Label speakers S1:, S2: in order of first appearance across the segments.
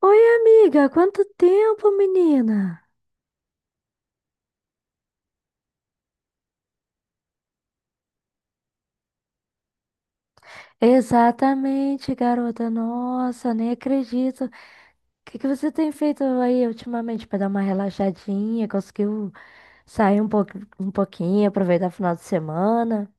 S1: Oi, amiga, quanto tempo, menina? Exatamente, garota. Nossa, nem acredito. O que que você tem feito aí ultimamente para dar uma relaxadinha? Conseguiu sair um pouco, um pouquinho, aproveitar o final de semana?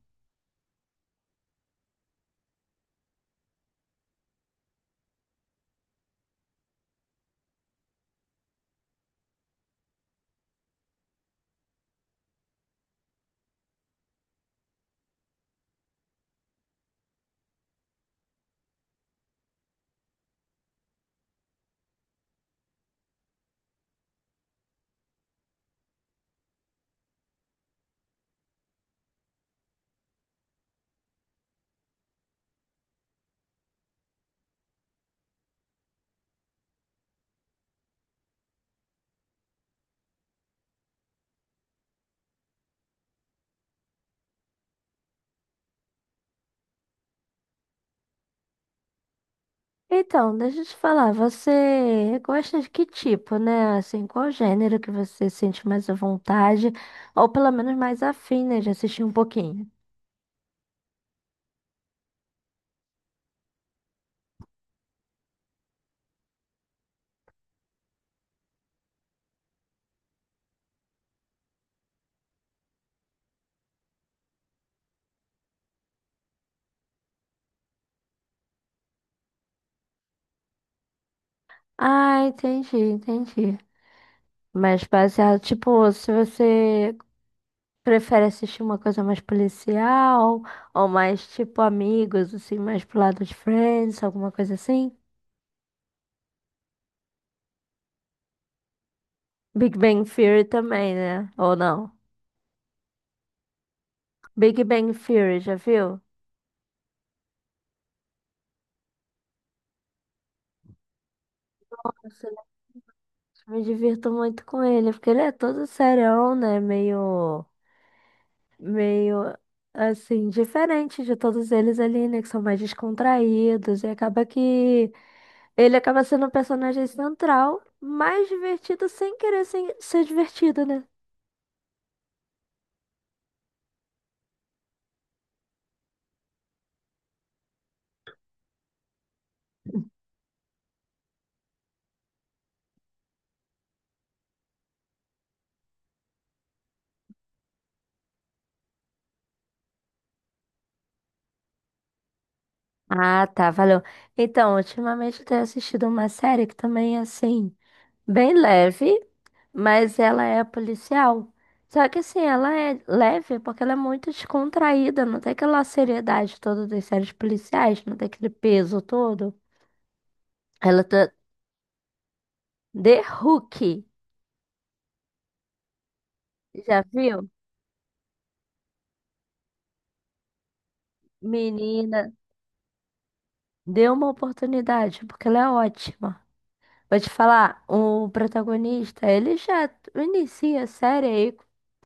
S1: Então, deixa eu te falar, você gosta de que tipo, né? Assim, qual gênero que você sente mais à vontade, ou pelo menos mais afim, né, de assistir um pouquinho? Ah, entendi, entendi. Mas baseado, tipo, se você prefere assistir uma coisa mais policial ou mais tipo amigos, assim, mais pro lado de Friends, alguma coisa assim? Big Bang Theory também, né? Ou não? Big Bang Theory, já viu? Nossa, eu me divirto muito com ele, porque ele é todo serião, né? Meio assim, diferente de todos eles ali, né? Que são mais descontraídos e acaba que ele acaba sendo o personagem central, mais divertido sem querer sem ser divertido, né? Ah, tá, valeu. Então, ultimamente eu tenho assistido uma série que também é assim, bem leve, mas ela é policial. Só que assim, ela é leve porque ela é muito descontraída, não tem aquela seriedade toda das séries policiais, não tem aquele peso todo. Ela tá The Hook, já viu? Menina, dê uma oportunidade, porque ela é ótima. Vou te falar, o protagonista, ele já inicia a série aí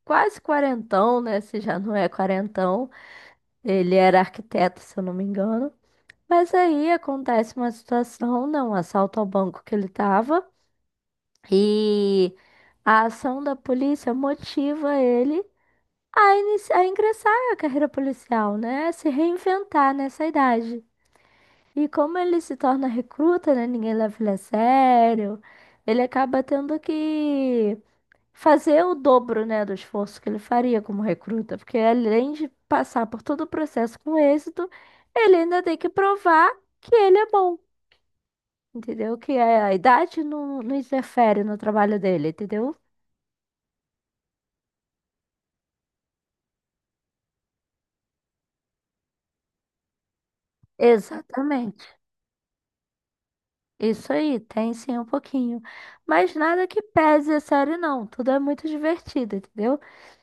S1: quase quarentão, né? Se já não é quarentão. Ele era arquiteto, se eu não me engano. Mas aí acontece uma situação, não, um assalto ao banco que ele tava. E a ação da polícia motiva ele a, ingressar na carreira policial, né? A se reinventar nessa idade. E como ele se torna recruta, né? Ninguém leva ele a sério. Ele acaba tendo que fazer o dobro, né, do esforço que ele faria como recruta, porque além de passar por todo o processo com êxito, ele ainda tem que provar que ele é bom, entendeu? Que a idade não, não interfere no trabalho dele, entendeu? Exatamente. Isso aí, tem sim um pouquinho. Mas nada que pese a série, não. Tudo é muito divertido, entendeu?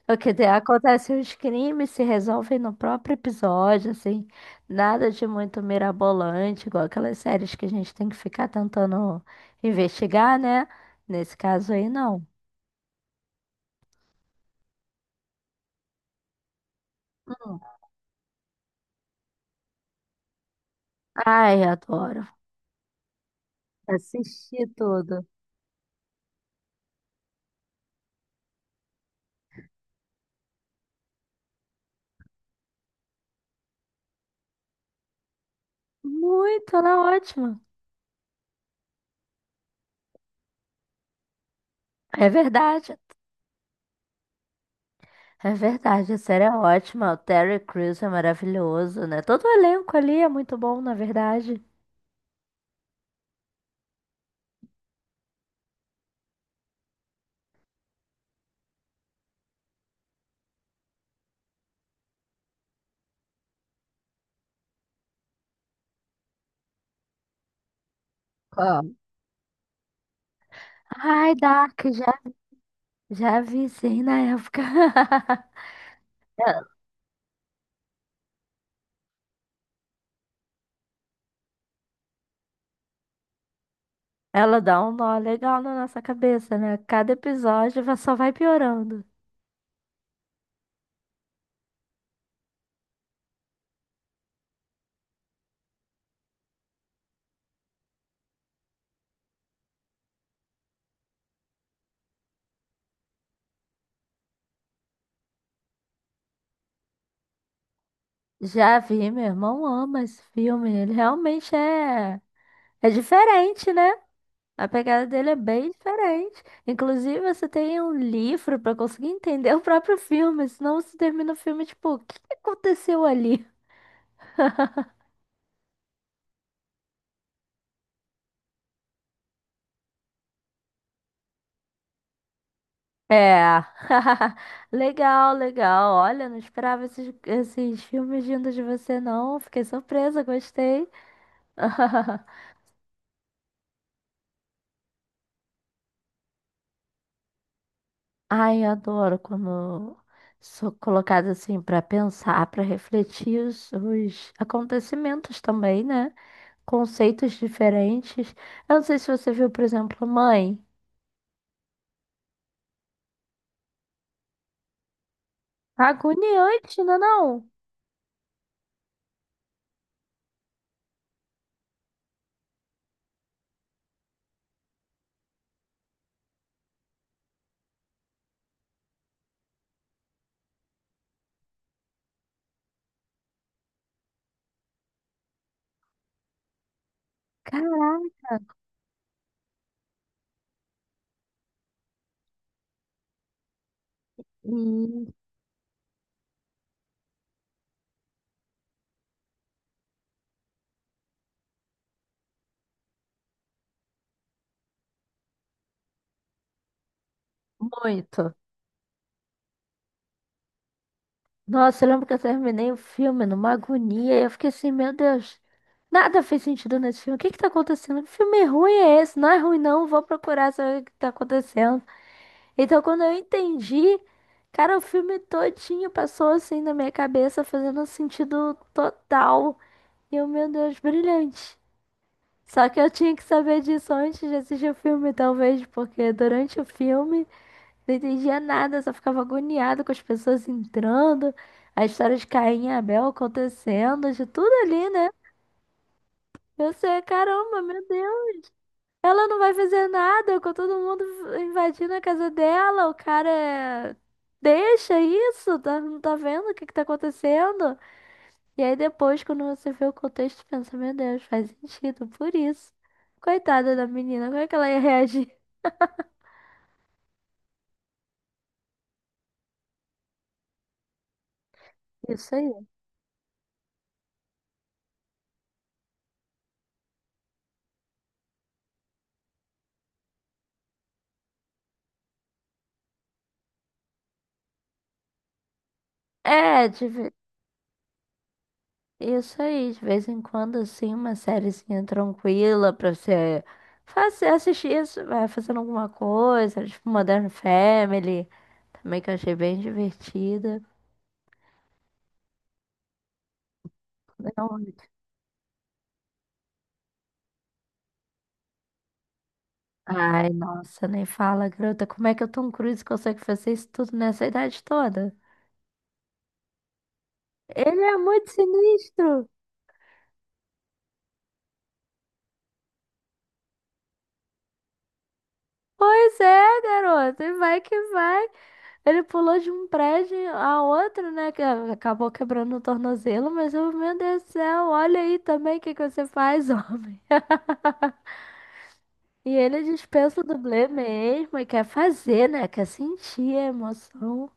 S1: O acontece os crimes se resolvem no próprio episódio, assim. Nada de muito mirabolante, igual aquelas séries que a gente tem que ficar tentando investigar, né? Nesse caso aí, não. Hum. Ai, adoro. Assisti tudo. Muito, ela é ótima. É verdade. É verdade, a série é ótima. O Terry Crews é maravilhoso, né? Todo o elenco ali é muito bom, na verdade. Qual? Ai, Dark, já vi sim na época. Ela ela dá um nó legal na nossa cabeça, né? Cada episódio só vai piorando. Já vi, meu irmão ama esse filme. Ele realmente é, é diferente, né? A pegada dele é bem diferente. Inclusive, você tem um livro pra conseguir entender o próprio filme, senão você termina o filme tipo, o que que aconteceu ali? É. Legal, legal. Olha, não esperava esses filmes vindo de você, não. Fiquei surpresa, gostei. Ai, eu adoro quando sou colocada assim pra pensar, pra refletir os acontecimentos também, né? Conceitos diferentes. Eu não sei se você viu, por exemplo, Mãe. Agoniante, não é não? Caraca. Hum. Muito. Nossa, eu lembro que eu terminei o filme numa agonia. Eu fiquei assim, meu Deus, nada fez sentido nesse filme. O que que tá acontecendo? Que filme ruim é esse? Não é ruim, não. Vou procurar saber o que tá acontecendo. Então, quando eu entendi, cara, o filme todinho passou assim na minha cabeça, fazendo um sentido total. E eu, meu Deus, brilhante. Só que eu tinha que saber disso antes de assistir o filme, talvez, porque durante o filme não entendia nada, só ficava agoniado com as pessoas entrando, a história de Caim e Abel acontecendo, de tudo ali, né? Eu sei, caramba, meu Deus, ela não vai fazer nada com todo mundo invadindo a casa dela, o cara é, deixa isso, tá, não tá vendo o que que tá acontecendo? E aí depois, quando você vê o contexto, pensa, meu Deus, faz sentido, por isso. Coitada da menina, como é que ela ia reagir? Isso aí. É, de ve- isso aí, de vez em quando, assim, uma sériezinha tranquila pra você fazer, assistir isso, vai fazendo alguma coisa, tipo Modern Family, também que eu achei bem divertida. Não, ai, nossa, nem fala, garota, como é que o Tom Cruise consegue fazer isso tudo nessa idade toda? Ele é muito sinistro! Pois é, garota, e vai que vai. Ele pulou de um prédio a outro, né? Que acabou quebrando o tornozelo, mas eu, meu Deus do céu, olha aí também o que que você faz, homem. E ele dispensa o dublê mesmo e quer fazer, né? Quer sentir a emoção.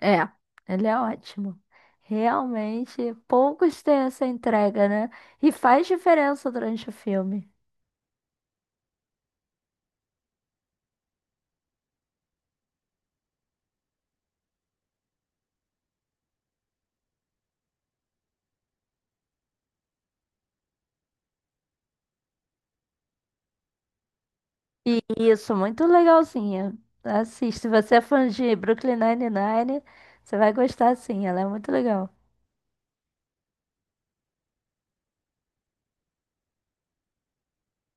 S1: É, ele é ótimo. Realmente, poucos têm essa entrega, né? E faz diferença durante o filme. Isso, muito legalzinha. Assiste, se você é fã de Brooklyn Nine-Nine, você vai gostar sim, ela é muito legal.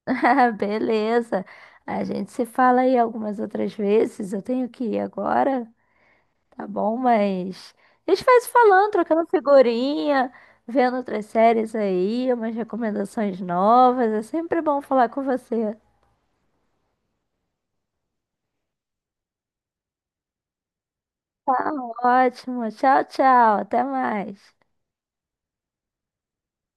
S1: Beleza, a gente se fala aí algumas outras vezes, eu tenho que ir agora, tá bom? Mas a gente vai se falando, trocando figurinha, vendo outras séries aí, umas recomendações novas, é sempre bom falar com você. Tá ótimo, tchau, tchau, até mais.